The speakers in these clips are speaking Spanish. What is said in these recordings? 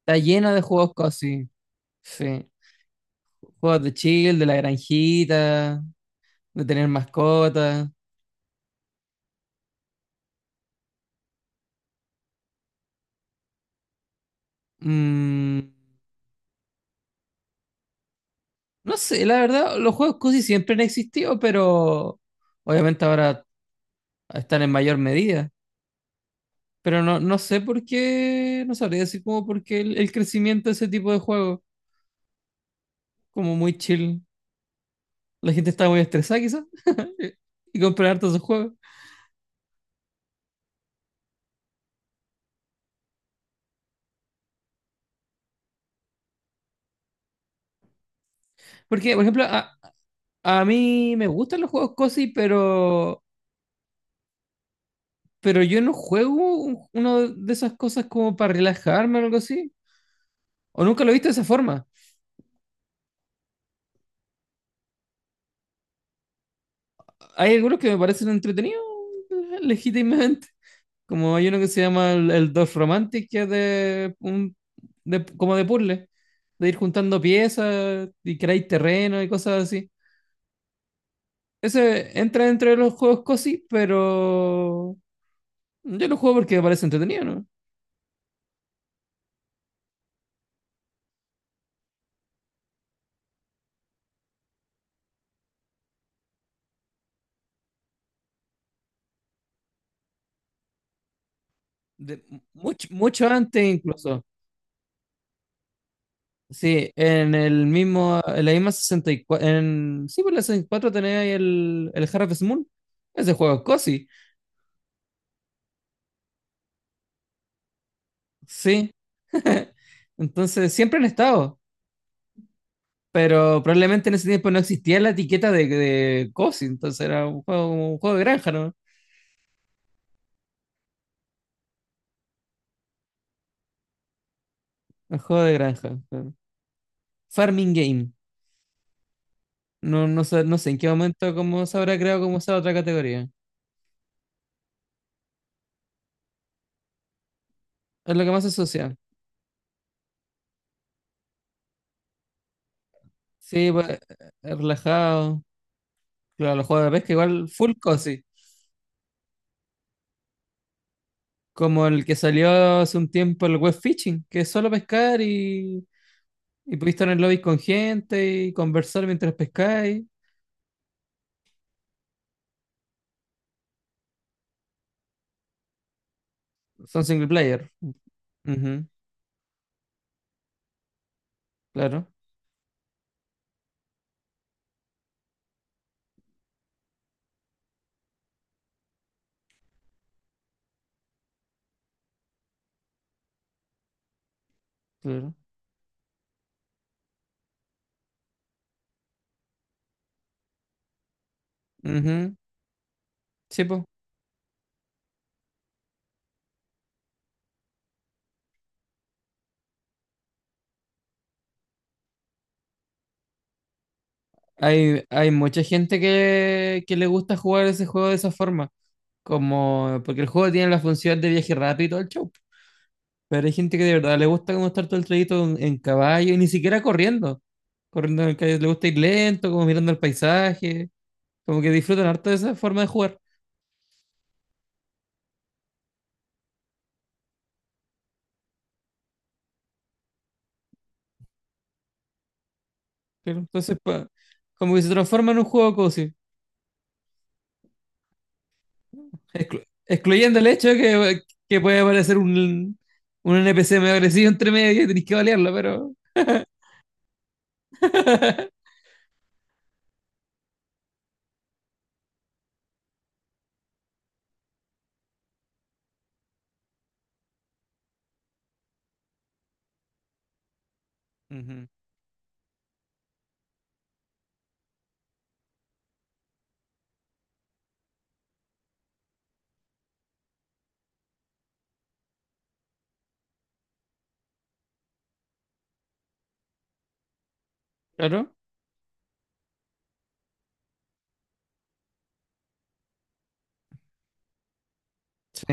Está lleno de juegos cosy. Sí, sí. Juegos de chill, de la granjita, de tener mascotas. Mm, no sé, la verdad, los juegos cosy siempre han existido, pero obviamente ahora están en mayor medida. Pero no, no sé por qué, no sabría decir como por qué el crecimiento de ese tipo de juegos, como muy chill. La gente está muy estresada quizás y comprar hartos esos juegos. Porque, por ejemplo, a mí me gustan los juegos cozy, pero yo no juego uno de esas cosas como para relajarme o algo así. O nunca lo he visto de esa forma. Hay algunos que me parecen entretenidos legítimamente. Como hay uno que se llama el Dwarf Romantic, que es de, como de puzzle, de ir juntando piezas y crear terreno y cosas así. Ese entra dentro de los juegos cosi, pero yo lo juego porque me parece entretenido, ¿no? De, mucho, mucho antes incluso. Sí, en el mismo, en la misma 64, en, sí, por la 64 tenía ahí el Harvest Moon. Ese juego es cozy, sí. Entonces siempre han estado, pero probablemente en ese tiempo no existía la etiqueta de cozy, entonces era un juego, como un juego de granja, ¿no? Un juego de granja, claro. Farming game. No, no sé, no sé en qué momento cómo se habrá creado como esa otra categoría. Es lo que más se asocia. Sí, pues, relajado. Claro, los juegos de pesca igual full cozy. Como el que salió hace un tiempo, el web fishing, que es solo pescar y podéis estar en el lobby con gente y conversar mientras pescáis. Son single player. Ujú, claro, claro. Ujú, sí, po. Hay mucha gente que le gusta jugar ese juego de esa forma. Como, porque el juego tiene la función de viaje rápido y todo el show. Pero hay gente que de verdad le gusta como estar todo el trayecto en caballo y ni siquiera corriendo. Corriendo en el calle, le gusta ir lento, como mirando el paisaje. Como que disfrutan harto de esa forma de jugar. Pero entonces, como que se transforma en un juego cozy. Excluyendo el hecho de que puede aparecer un NPC medio agresivo entre medio y tenés que balearlo, pero. Ujú. Claro. Sí,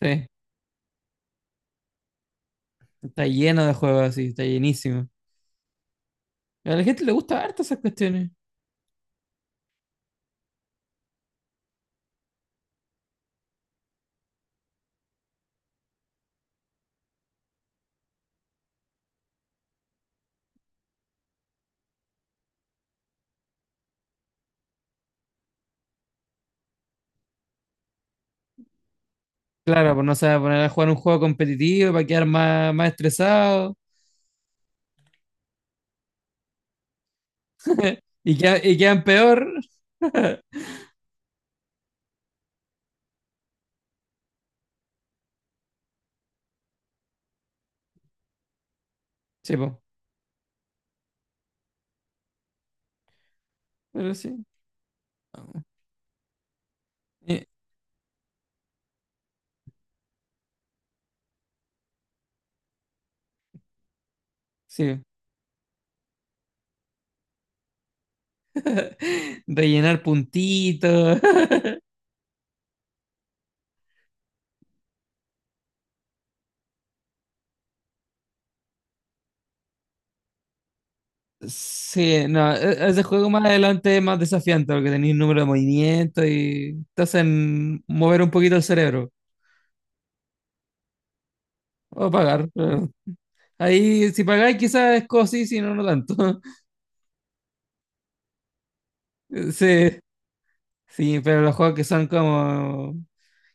sí. Está lleno de juegos así, está llenísimo. A la gente le gusta harto esas cuestiones. Claro, pues no se va a poner a jugar un juego competitivo para quedar más, más estresado y, y quedan peor. Sí, po. Pero sí. Eh, sí. Rellenar puntitos, sí, no, ese juego más adelante es más desafiante porque tenéis número de movimientos y te hacen mover un poquito el cerebro o pagar. Pero ahí, si pagáis, quizás es cosi, si no, no tanto. Sí, sí, pero los juegos que son como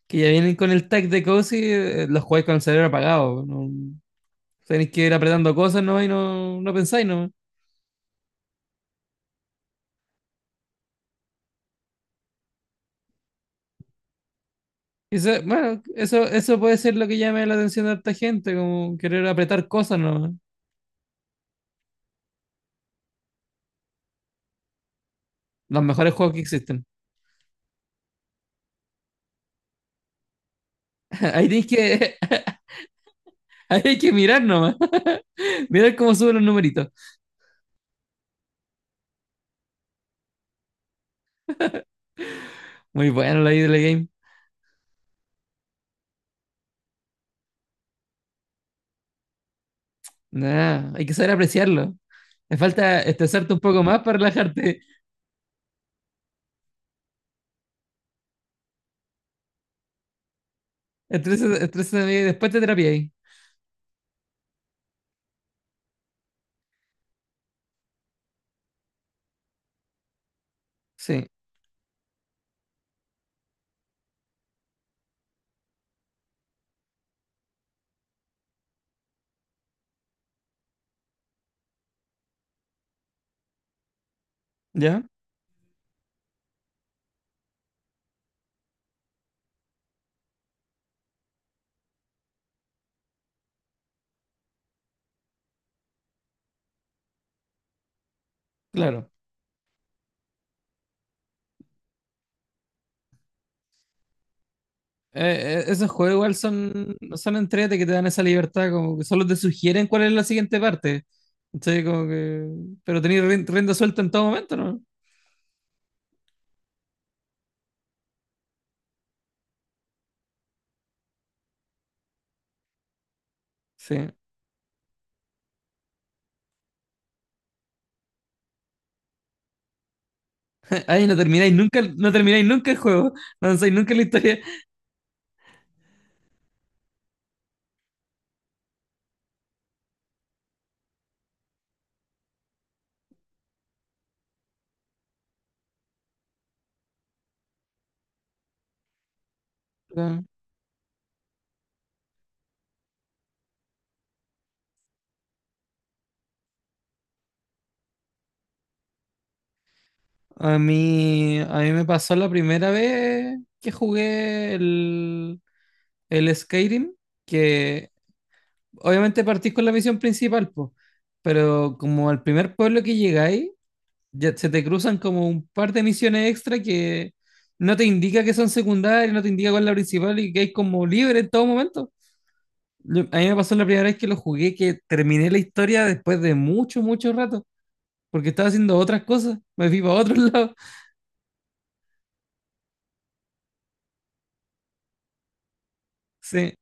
que ya vienen con el tag de cosi, los jugáis con el cerebro apagado. No, tenéis que ir apretando cosas, ¿no? Y no, no pensáis, ¿no? Y eso, bueno, eso puede ser lo que llame la atención de harta gente, como querer apretar cosas, ¿no? Los mejores juegos que existen. Ahí tenéis que, ahí hay que mirar nomás. Mirar cómo suben los numeritos. Muy bueno la idea de la game. Nah, hay que saber apreciarlo. Me falta estresarte un poco más para relajarte. Estrésate y después te terapia ahí. Sí, ya, claro. Esos juegos igual son, son entrete que te dan esa libertad, como que solo te sugieren cuál es la siguiente parte. Entonces, como que. Pero tenéis rienda suelta en todo momento, ¿no? Sí. Ahí no termináis nunca, no termináis nunca el juego. No avanzáis nunca en la historia. A mí me pasó la primera vez que jugué el Skyrim, que obviamente partís con la misión principal, po, pero como al primer pueblo que llegáis, ya se te cruzan como un par de misiones extra que no te indica que son secundarias, no te indica cuál es la principal y que hay como libre en todo momento. A mí me pasó la primera vez que lo jugué, que terminé la historia después de mucho, mucho rato, porque estaba haciendo otras cosas, me fui para otro lado. Sí,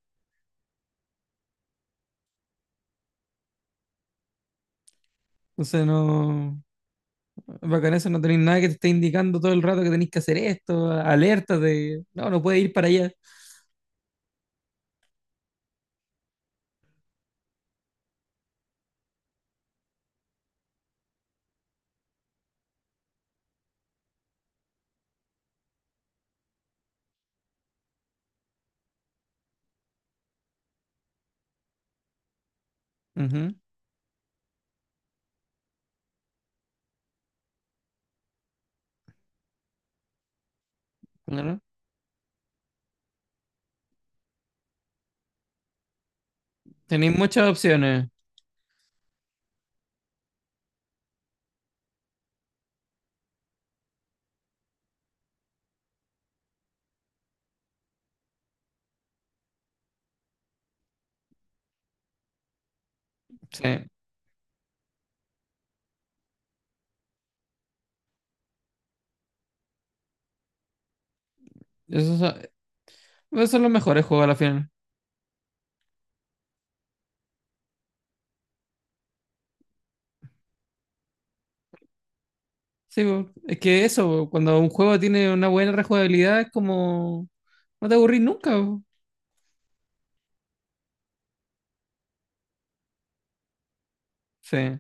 o sea, no. Bacán eso, no tenéis nada que te esté indicando todo el rato que tenéis que hacer esto, alertas de, no, no puedes ir para allá. Ujú, claro. Tenéis muchas opciones. Sí. Eso son, esos son los mejores juegos a la final. Sí, po, es que eso, po, cuando un juego tiene una buena rejugabilidad, es como, no te aburrís nunca, po. Sí.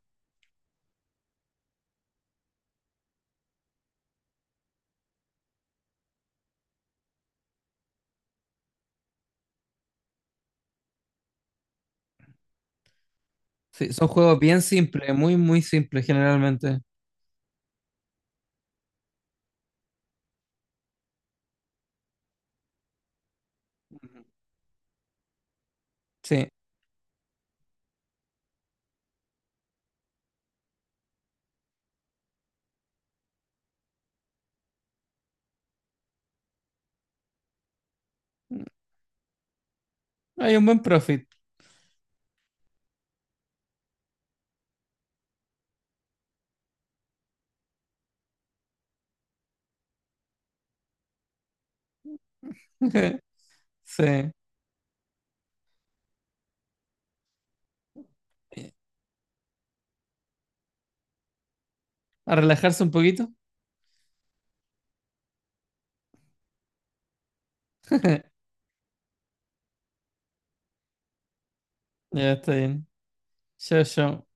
Sí, son juegos bien simples, muy, muy simples generalmente. Sí. Hay un buen profit. Sí. A relajarse un poquito. Ya está bien. Chao, chao.